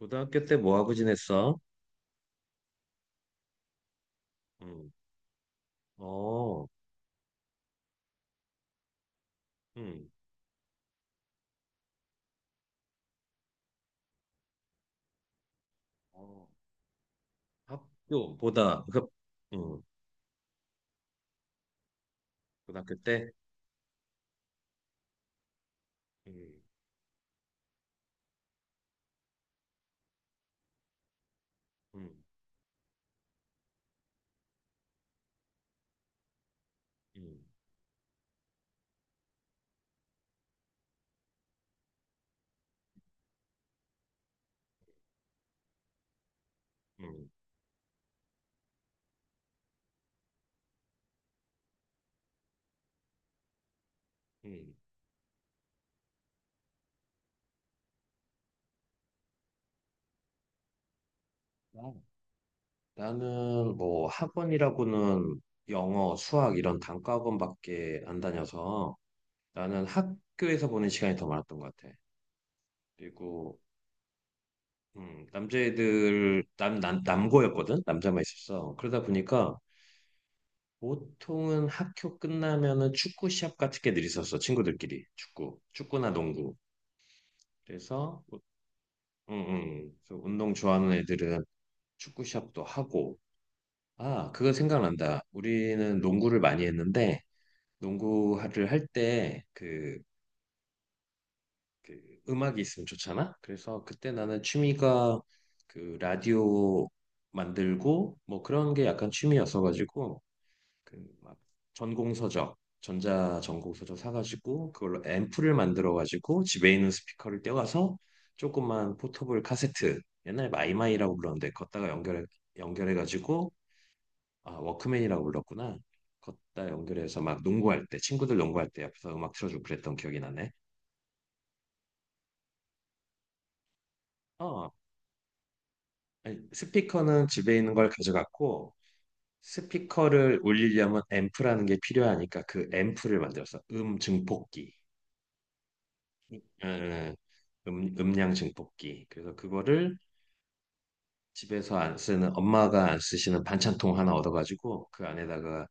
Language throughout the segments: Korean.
고등학교 때 뭐하고 지냈어? 음. 어. 음. 어. 학교보다, 그. 음. 고등학교 때? 음. 음. 음. 음. 음. 나- 나는 뭐 학원이라고는 영어, 수학 이런 단과 학원밖에 안 다녀서 나는 학교에서 보낸 시간이 더 많았던 것 같아. 그리고 남자애들, 남, 남 남고였거든. 남자만 있었어. 그러다 보니까 보통은 학교 끝나면은 축구 시합 같은 게 늘 있었어. 친구들끼리. 축구. 축구나 농구. 그래서. 응, 응. 응. 그래서 운동 좋아하는 애들은 축구 시합도 하고. 아, 그거 생각난다. 우리는 농구를 많이 했는데, 농구를 할 때, 그, 그 음악이 있으면 좋잖아? 그래서 그때 나는 취미가 그 라디오 만들고, 뭐 그런 게 약간 취미였어가지고, 그 막 전공서적 전자 전공서적 사가지고 그걸로 앰프를 만들어가지고 집에 있는 스피커를 떼와서 조그만 포터블 카세트, 옛날에 마이마이라고 불렀는데, 걷다가 연결해가지고, 아 워크맨이라고 불렀구나. 걷다 연결해서 막 농구할 때, 친구들 농구할 때 옆에서 음악 틀어주고 그랬던 기억이 나네. 어. 아니, 스피커는 집에 있는 걸 가져갔고 스피커를 올리려면 앰프라는 게 필요하니까 그 앰프를 만들었어. 증폭기. 음, 음량 증폭기. 그래서 그거를 집에서 안 쓰는, 엄마가 안 쓰시는 반찬통 하나 얻어가지고 그 안에다가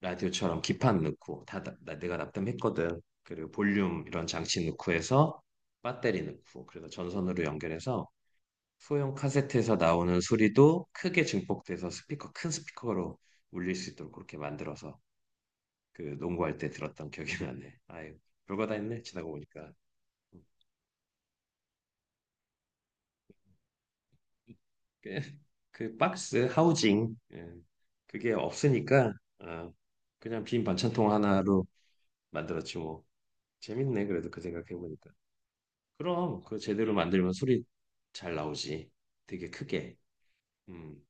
라디오처럼 기판 넣고 다 내가 납땜했거든. 그리고 볼륨 이런 장치 넣고 해서 배터리 넣고, 그래서 전선으로 연결해서 소형 카세트에서 나오는 소리도 크게 증폭돼서 스피커, 큰 스피커로 울릴 수 있도록 그렇게 만들어서 그 농구할 때 들었던 기억이 나네. 아유, 별거 다 했네 지나고 보니까. 그, 그 박스 하우징, 예, 그게 없으니까 아, 그냥 빈 반찬통 하나로 만들었지 뭐. 재밌네 그래도 그 생각해보니까. 그럼 그 제대로 만들면 소리 잘 나오지. 되게 크게. 음.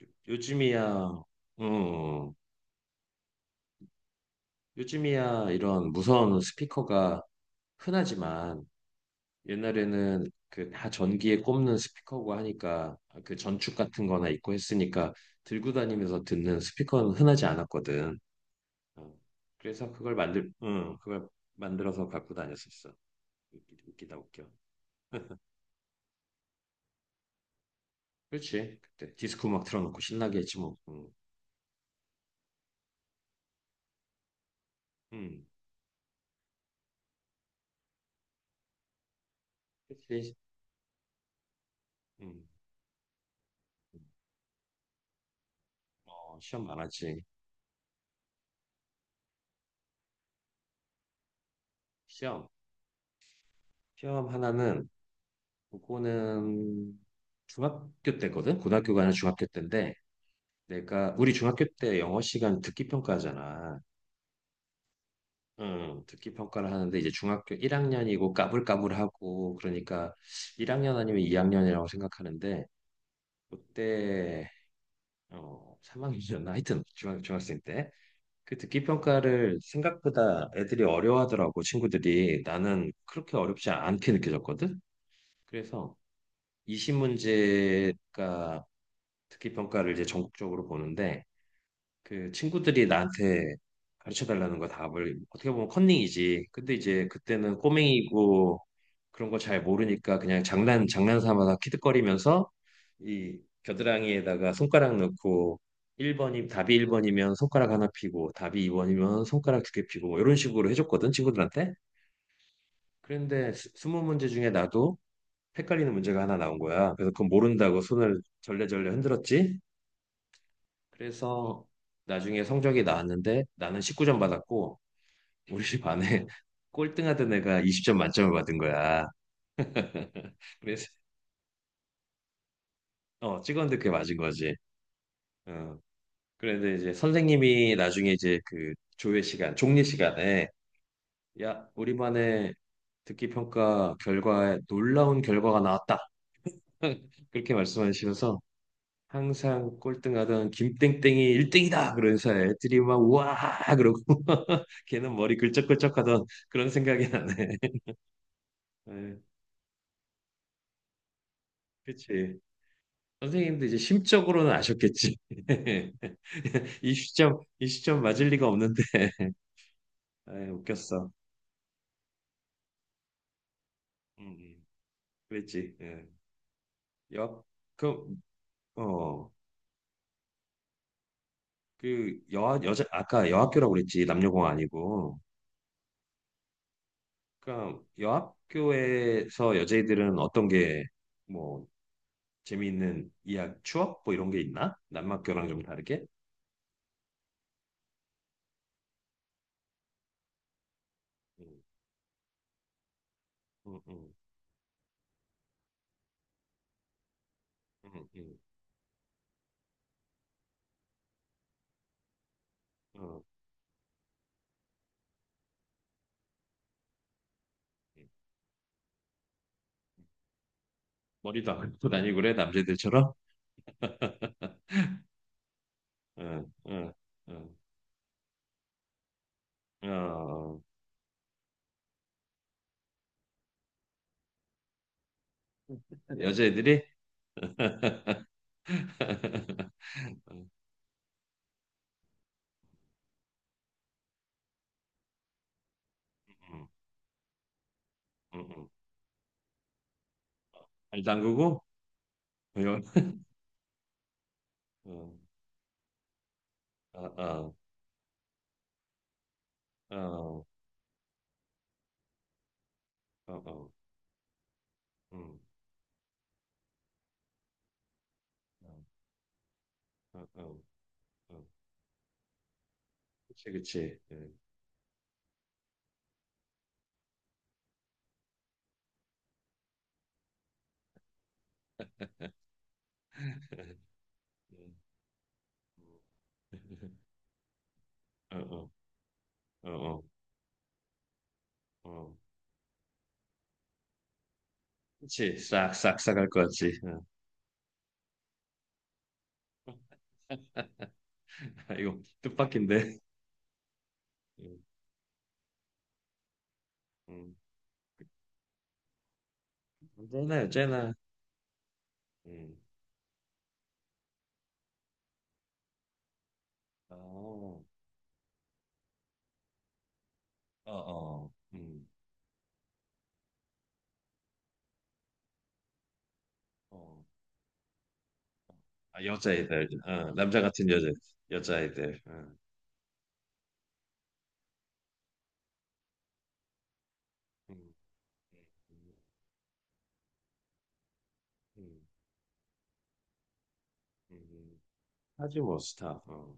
요즘이야. 음. 요즘이야 이런 무선 스피커가 흔하지만 옛날에는 그 다 전기에 꼽는 스피커고 하니까 그 전축 같은 거나 있고 했으니까 들고 다니면서 듣는 스피커는 흔하지 않았거든. 어. 그래서 응, 그걸 만들어서 갖고 다녔었어. 웃기다 웃겨. 그렇지. 그때 디스코 막 틀어놓고 신나게 했지 뭐. 응. 응. 그렇지. 응. 어, 시험 많았지. 시험. 시험 하나는 그거는 중학교 때거든. 고등학교가 아니라 중학교 때인데 내가 우리 중학교 때 영어 시간 듣기 평가잖아. 응, 듣기 평가를 하는데 이제 중학교 1학년이고 까불까불하고 그러니까 1학년 아니면 2학년이라고 생각하는데, 그때 삼학년이었나. 하여튼 중학생 때 그 듣기 평가를 생각보다 애들이 어려워하더라고. 친구들이. 나는 그렇게 어렵지 않게 느껴졌거든. 그래서 20문제가, 듣기 평가를 이제 전국적으로 보는데 그 친구들이 나한테 가르쳐 달라는 거. 답을. 어떻게 보면 컨닝이지. 근데 이제 그때는 꼬맹이고 그런 거 잘 모르니까 그냥 장난 삼아서 키득거리면서 이 겨드랑이에다가 손가락 넣고 1번이, 답이 1번이면 손가락 하나 피고, 답이 2번이면 손가락 두 개 피고, 뭐 이런 식으로 해줬거든 친구들한테. 그런데 스무 문제 중에 나도 헷갈리는 문제가 하나 나온 거야. 그래서 그건 모른다고 손을 절레절레 흔들었지. 그래서 나중에 성적이 나왔는데 나는 19점 받았고, 우리 집 안에 꼴등하던 애가 20점 만점을 받은 거야. 그래서 찍었는데 그게 맞은 거지. 어. 그런데 이제 선생님이 나중에 이제 그 조회 시간, 종례 시간에, 야, 우리만의 듣기 평가 결과에 놀라운 결과가 나왔다. 그렇게 말씀하시면서 항상 꼴등하던 김땡땡이 1등이다. 그러면서 애들이 막 우와 그러고 걔는 머리 글쩍글쩍하던, 그런 생각이 나네. 에, 그치. 선생님도 이제 심적으로는 아셨겠지. 이 시점, 이 시점 맞을 리가 없는데. 에, 웃겼어. 음. 음. 그랬지. 예. 여, 그, 어, 그, 여, 여자, 아까 여학교라고 그랬지. 남녀공 아니고. 그러니까 여학교에서 여자애들은 어떤 게, 뭐, 재미있는 이야기, 추억? 뭐 이런 게 있나? 남학교랑 좀 다르게? 응, 응, 응, 응, 응, 응. 어, 응. 머리도 안 감고 다니고 그래, 남자애들처럼? 응, 응, 응, 어, 어. 여자애들이? 응, 응, 응. 발 담그고? 어, 아, 아. 어, 어, 어, 음, 어, 어, 어, 어. 그치, 그치. 음. 어, 어, 어, 어, 어. 그치, 싹, 싹, 싹할 것 같지. 어. 아, 이거 뜻밖인데. 음, 음. 언제나, 언제나. 음. 어, 어, 어, 어. 아, 여자애들. 어, 남자 같은 여자, 여자애들. 어. 음, 음, 음, 음. 하지 뭐, 스타. 어.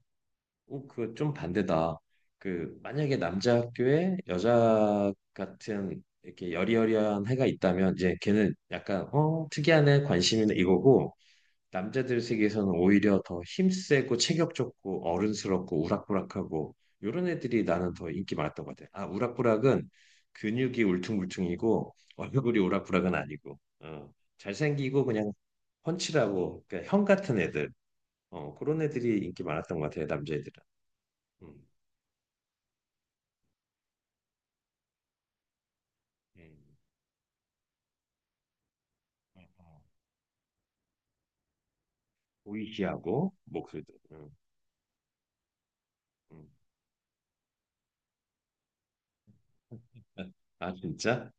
어, 그좀 반대다. 그 만약에 남자 학교에 여자 같은 이렇게 여리여리한 애가 있다면 이제 걔는 약간 특이한 애 관심이네 이거고, 남자들 세계에서는 오히려 더 힘세고 체격 좋고 어른스럽고 우락부락하고 요런 애들이 나는 더 인기 많았던 것 같아. 아, 우락부락은 근육이 울퉁불퉁이고 얼굴이 우락부락은 아니고, 어, 잘생기고 그냥 펀치라고 그러니까 형 같은 애들, 그런 애들이 인기 많았던 것 같아 남자애들은. 음. 음, 음, 음. 보이시하고 목소리도. 음. 아 진짜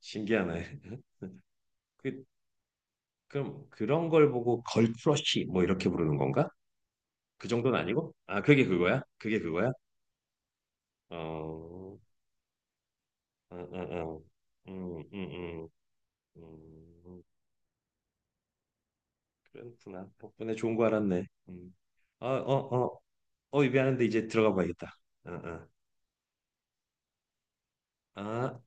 신기하네. 그. 그럼 그런 걸 보고 걸크러쉬 뭐 이렇게 부르는 건가? 그 정도는 아니고? 아 그게 그거야? 그게 그거야? 어, 어, 어, 어. 음, 음, 음, 음. 그렇구나. 덕분에 좋은 거 알았네. 음. 아, 어, 어, 어, 입에 하는데 이제 들어가 봐야겠다. 어, 어. 아,